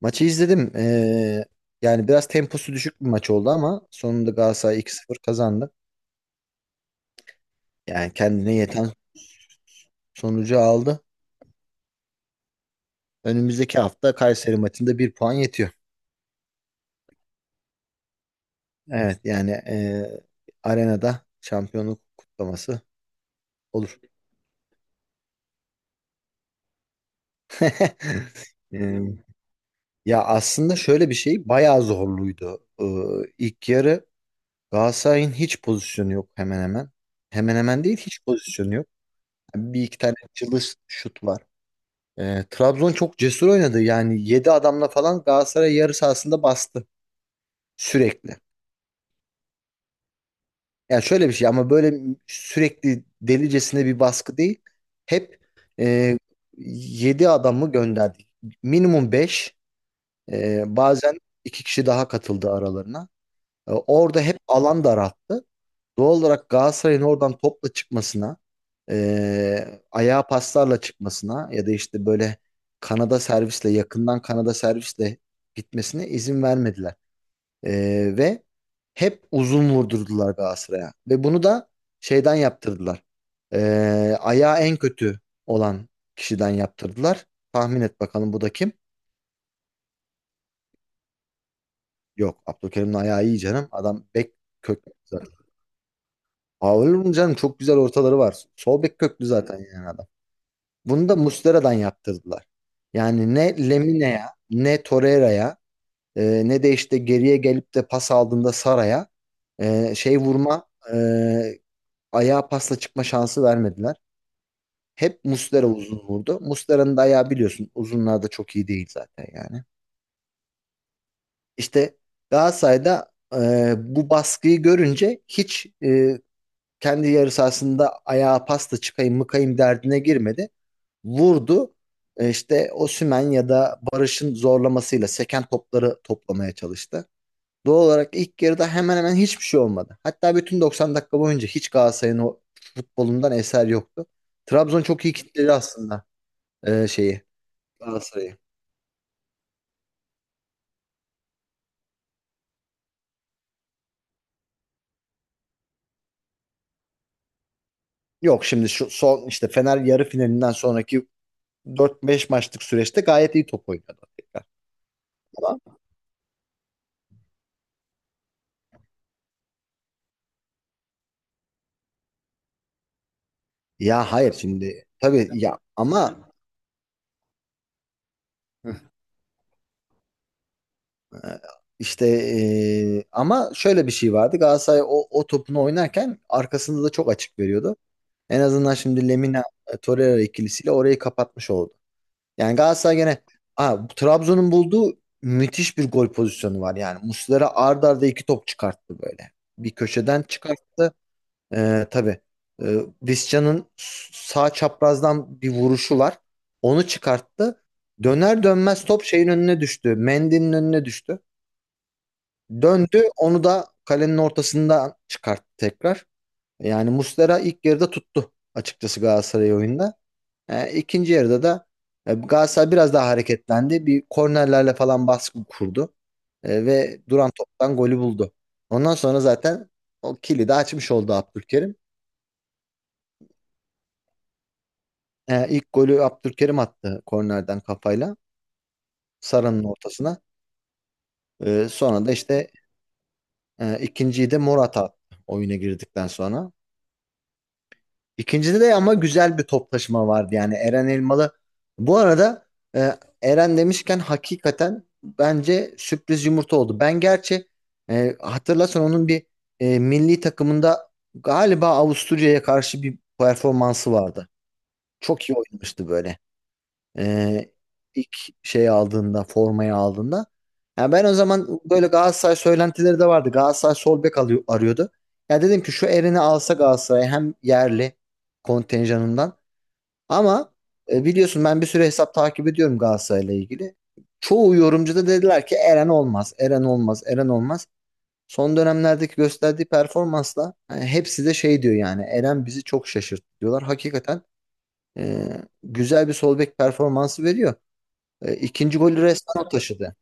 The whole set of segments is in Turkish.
Maçı izledim. Yani biraz temposu düşük bir maç oldu ama sonunda Galatasaray 2-0 kazandı. Yani kendine yeten sonucu aldı. Önümüzdeki hafta Kayseri maçında bir puan yetiyor. Evet yani arenada şampiyonluk kutlaması olur. Ee, Ya aslında şöyle bir şey bayağı zorluydu. İlk yarı Galatasaray'ın hiç pozisyonu yok hemen hemen. Hemen hemen değil hiç pozisyonu yok. Bir iki tane çılış şut var. Trabzon çok cesur oynadı. Yani 7 adamla falan Galatasaray yarı sahasında bastı sürekli. Yani şöyle bir şey ama böyle sürekli delicesine bir baskı değil. Hep e, 7 adamı gönderdik. Minimum 5 bazen 2 kişi daha katıldı aralarına. Orada hep alan daralttı. Doğal olarak Galatasaray'ın oradan topla çıkmasına, ayağa paslarla çıkmasına ya da işte böyle kanada servisle yakından kanada servisle gitmesine izin vermediler. Ve hep uzun vurdurdular Galatasaray'a. Ve bunu da şeyden yaptırdılar. Ayağı en kötü olan kişiden yaptırdılar. Tahmin et bakalım bu da kim? Yok, Abdülkerim'in ayağı iyi canım. Adam bek köklü zaten. Aa, olur mu canım? Çok güzel ortaları var. Sol bek köklü zaten yani adam. Bunu da Muslera'dan yaptırdılar. Yani ne Lemine'ye, ne Torreira'ya, ne de işte geriye gelip de pas aldığında Sara'ya şey vurma, ayağa pasla çıkma şansı vermediler. Hep Muslera uzun vurdu. Muslera'nın da ayağı biliyorsun uzunlarda çok iyi değil zaten yani. İşte Galatasaray'da bu baskıyı görünce hiç kendi yarı sahasında ayağa pasla çıkayım mıkayım derdine girmedi. Vurdu. İşte Osimhen ya da Barış'ın zorlamasıyla seken topları toplamaya çalıştı. Doğal olarak ilk yarıda hemen hemen hiçbir şey olmadı. Hatta bütün 90 dakika boyunca hiç Galatasaray'ın o futbolundan eser yoktu. Trabzon çok iyi kitledi aslında şeyi, Galatasaray'ı. Yok, şimdi şu son işte Fener yarı finalinden sonraki 4-5 maçlık süreçte gayet iyi top oynadı. Ama ya hayır şimdi tabii ya ama İşte ama şöyle bir şey vardı. Galatasaray o topunu oynarken arkasında da çok açık veriyordu. En azından şimdi Lemina, Torreira ikilisiyle orayı kapatmış oldu. Yani Galatasaray gene. Aa, Trabzon'un bulduğu müthiş bir gol pozisyonu var. Yani Muslera ard arda iki top çıkarttı böyle. Bir köşeden çıkarttı. Tabii, e, Visca'nın sağ çaprazdan bir vuruşu var. Onu çıkarttı. Döner dönmez top şeyin önüne düştü. Mendy'nin önüne düştü. Döndü, onu da kalenin ortasından çıkarttı tekrar. Yani Muslera ilk yarıda tuttu açıkçası Galatasaray oyunda. İkinci yarıda da Galatasaray biraz daha hareketlendi. Bir kornerlerle falan baskı kurdu. Ve duran toptan golü buldu. Ondan sonra zaten o kilidi açmış oldu Abdülkerim. İlk golü Abdülkerim attı, kornerden kafayla. Sara'nın ortasına. Sonra da işte ikinciyi de Morata attı oyuna girdikten sonra. İkincide de ama güzel bir toplaşma vardı yani, Eren Elmalı. Bu arada e, Eren demişken hakikaten bence sürpriz yumurta oldu. Ben gerçi hatırlarsan onun bir milli takımında galiba Avusturya'ya karşı bir performansı vardı. Çok iyi oynamıştı böyle. Ee, ilk şey aldığında, formayı aldığında. Yani ben o zaman, böyle Galatasaray söylentileri de vardı. Galatasaray sol bek alıyor, arıyordu. Ya dedim ki şu Eren'i alsa Galatasaray hem yerli kontenjanından, ama biliyorsun ben bir süre hesap takip ediyorum Galatasaray'la ilgili. Çoğu yorumcu da dediler ki Eren olmaz, Eren olmaz, Eren olmaz. Son dönemlerdeki gösterdiği performansla yani hepsi de şey diyor, yani Eren bizi çok şaşırttı diyorlar. Hakikaten e, güzel bir sol bek performansı veriyor. İkinci golü resmen o taşıdı.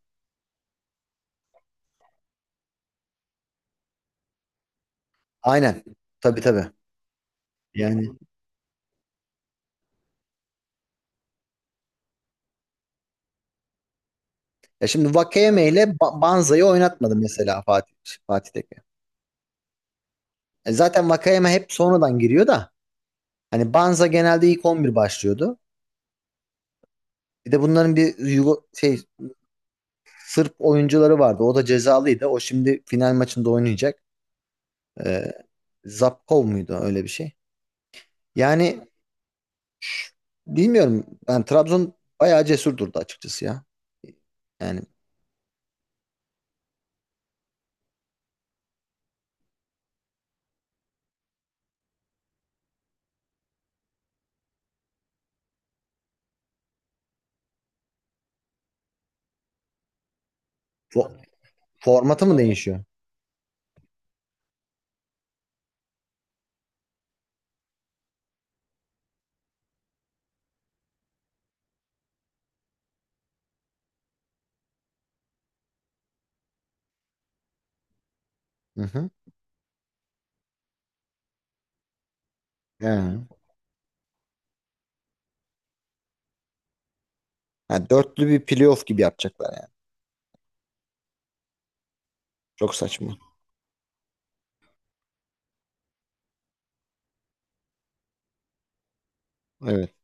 Aynen. Tabii tabii. Yani ya şimdi Vakeyeme ile Banza'yı oynatmadı mesela Fatih Tekke. Zaten Vakeyeme hep sonradan giriyor da hani Banza genelde ilk 11 başlıyordu. Bir de bunların bir Sırp oyuncuları vardı. O da cezalıydı. O şimdi final maçında oynayacak. E, Zapkov muydu öyle bir şey? Yani bilmiyorum. Ben Trabzon bayağı cesur durdu açıkçası ya. Yani Fo- formatı mı değişiyor? Hı hı. He. Ha, dörtlü bir playoff gibi yapacaklar yani. Çok saçma. Evet.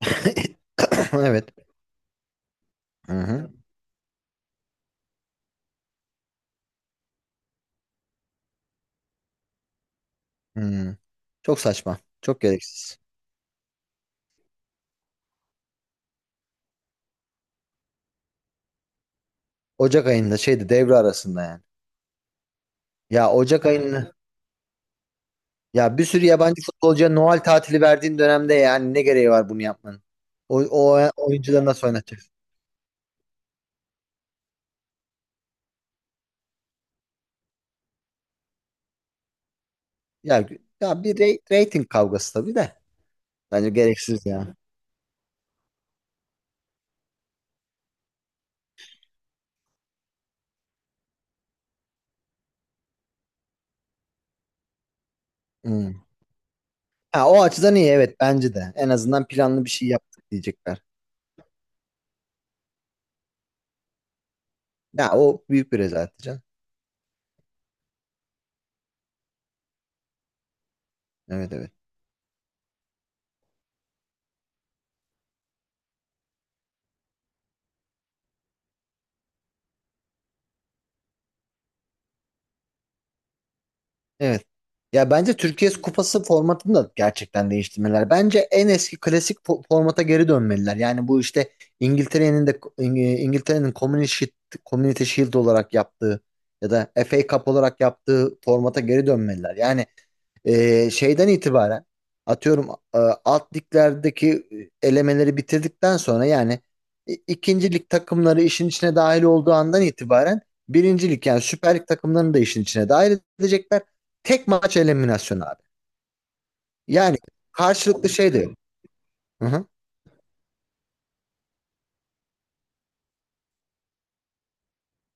Evet. Hı hı. Hı. Çok saçma. Çok gereksiz. Ocak ayında şeydi, devre arasında yani. Ya Ocak ayını, ya bir sürü yabancı futbolcuya Noel tatili verdiğin dönemde yani ne gereği var bunu yapmanın? O oyuncuları nasıl oynatacaksın? Ya, ya bir rating kavgası tabii de. Bence gereksiz ya. Hı. Ha, o açıdan iyi, evet bence de. En azından planlı bir şey yaptık diyecekler. Ya o büyük bir rezalet canım. Evet evet. Evet. Ya bence Türkiye Kupası formatını da gerçekten değiştirmeliler. Bence en eski klasik formata geri dönmeliler. Yani bu işte İngiltere'nin de, İng- İngiltere'nin Community Shield, olarak yaptığı ya da FA Cup olarak yaptığı formata geri dönmeliler. Yani şeyden itibaren atıyorum, alt liglerdeki elemeleri bitirdikten sonra yani ikinci lig takımları işin içine dahil olduğu andan itibaren birinci lig yani Süper Lig takımlarını da işin içine dahil edecekler. Tek maç eliminasyonu abi. Yani karşılıklı şey de yok. Hı hı.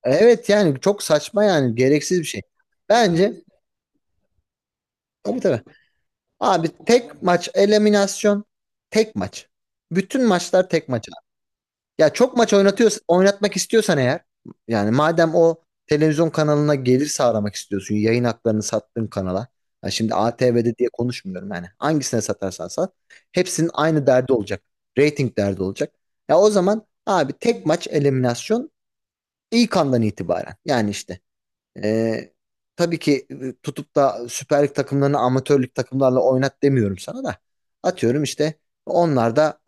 Evet yani çok saçma yani gereksiz bir şey. Bence tabii tabii. Abi tek maç eliminasyon, tek maç. Bütün maçlar tek maç. Ya çok maç oynatıyor, oynatmak istiyorsan eğer, yani madem o televizyon kanalına gelir sağlamak istiyorsun, yayın haklarını sattığın kanala. Ya şimdi ATV'de diye konuşmuyorum yani. Hangisine satarsan sat. Hepsinin aynı derdi olacak. Rating derdi olacak. Ya o zaman abi tek maç eliminasyon ilk andan itibaren. Yani işte e, tabii ki, tutup da Süper Lig takımlarını amatörlük takımlarla oynat demiyorum sana da. Atıyorum işte onlar da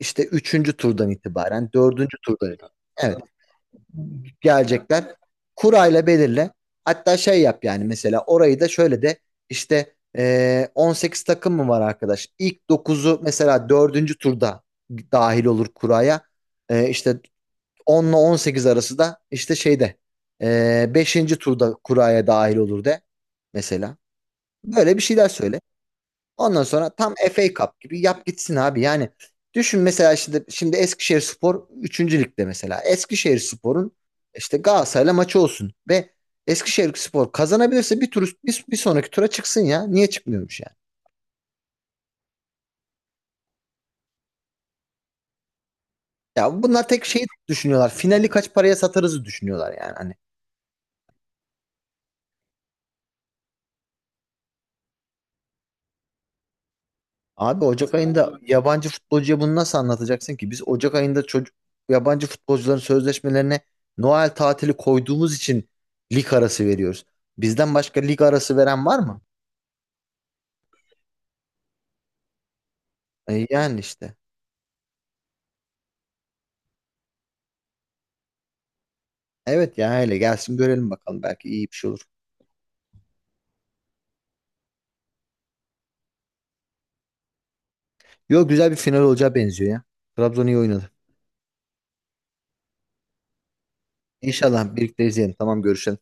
işte üçüncü turdan itibaren, dördüncü turdan itibaren. Evet, tamam. Gelecekler. Kurayla belirle. Hatta şey yap, yani mesela orayı da şöyle de işte, 18 takım mı var arkadaş? İlk dokuzu mesela dördüncü turda dahil olur kuraya. İşte 10 ile 18 arası da işte şeyde beşinci turda kuraya dahil olur de mesela. Böyle bir şeyler söyle. Ondan sonra tam FA Cup gibi yap gitsin abi. Yani düşün mesela şimdi Eskişehirspor 3. ligde mesela. Eskişehirspor'un işte Galatasaray'la maçı olsun ve Eskişehirspor kazanabilirse bir tur, bir sonraki tura çıksın ya. Niye çıkmıyormuş yani? Ya bunlar tek şeyi düşünüyorlar. Finali kaç paraya satarızı düşünüyorlar yani. Hani abi Ocak ayında yabancı futbolcuya bunu nasıl anlatacaksın ki? Biz Ocak ayında çocuk, yabancı futbolcuların sözleşmelerine Noel tatili koyduğumuz için lig arası veriyoruz. Bizden başka lig arası veren var mı? E yani işte. Evet ya, öyle gelsin görelim bakalım belki iyi bir şey olur. Yo, güzel bir final olacağı benziyor ya. Trabzon iyi oynadı. İnşallah birlikte izleyelim. Tamam, görüşelim.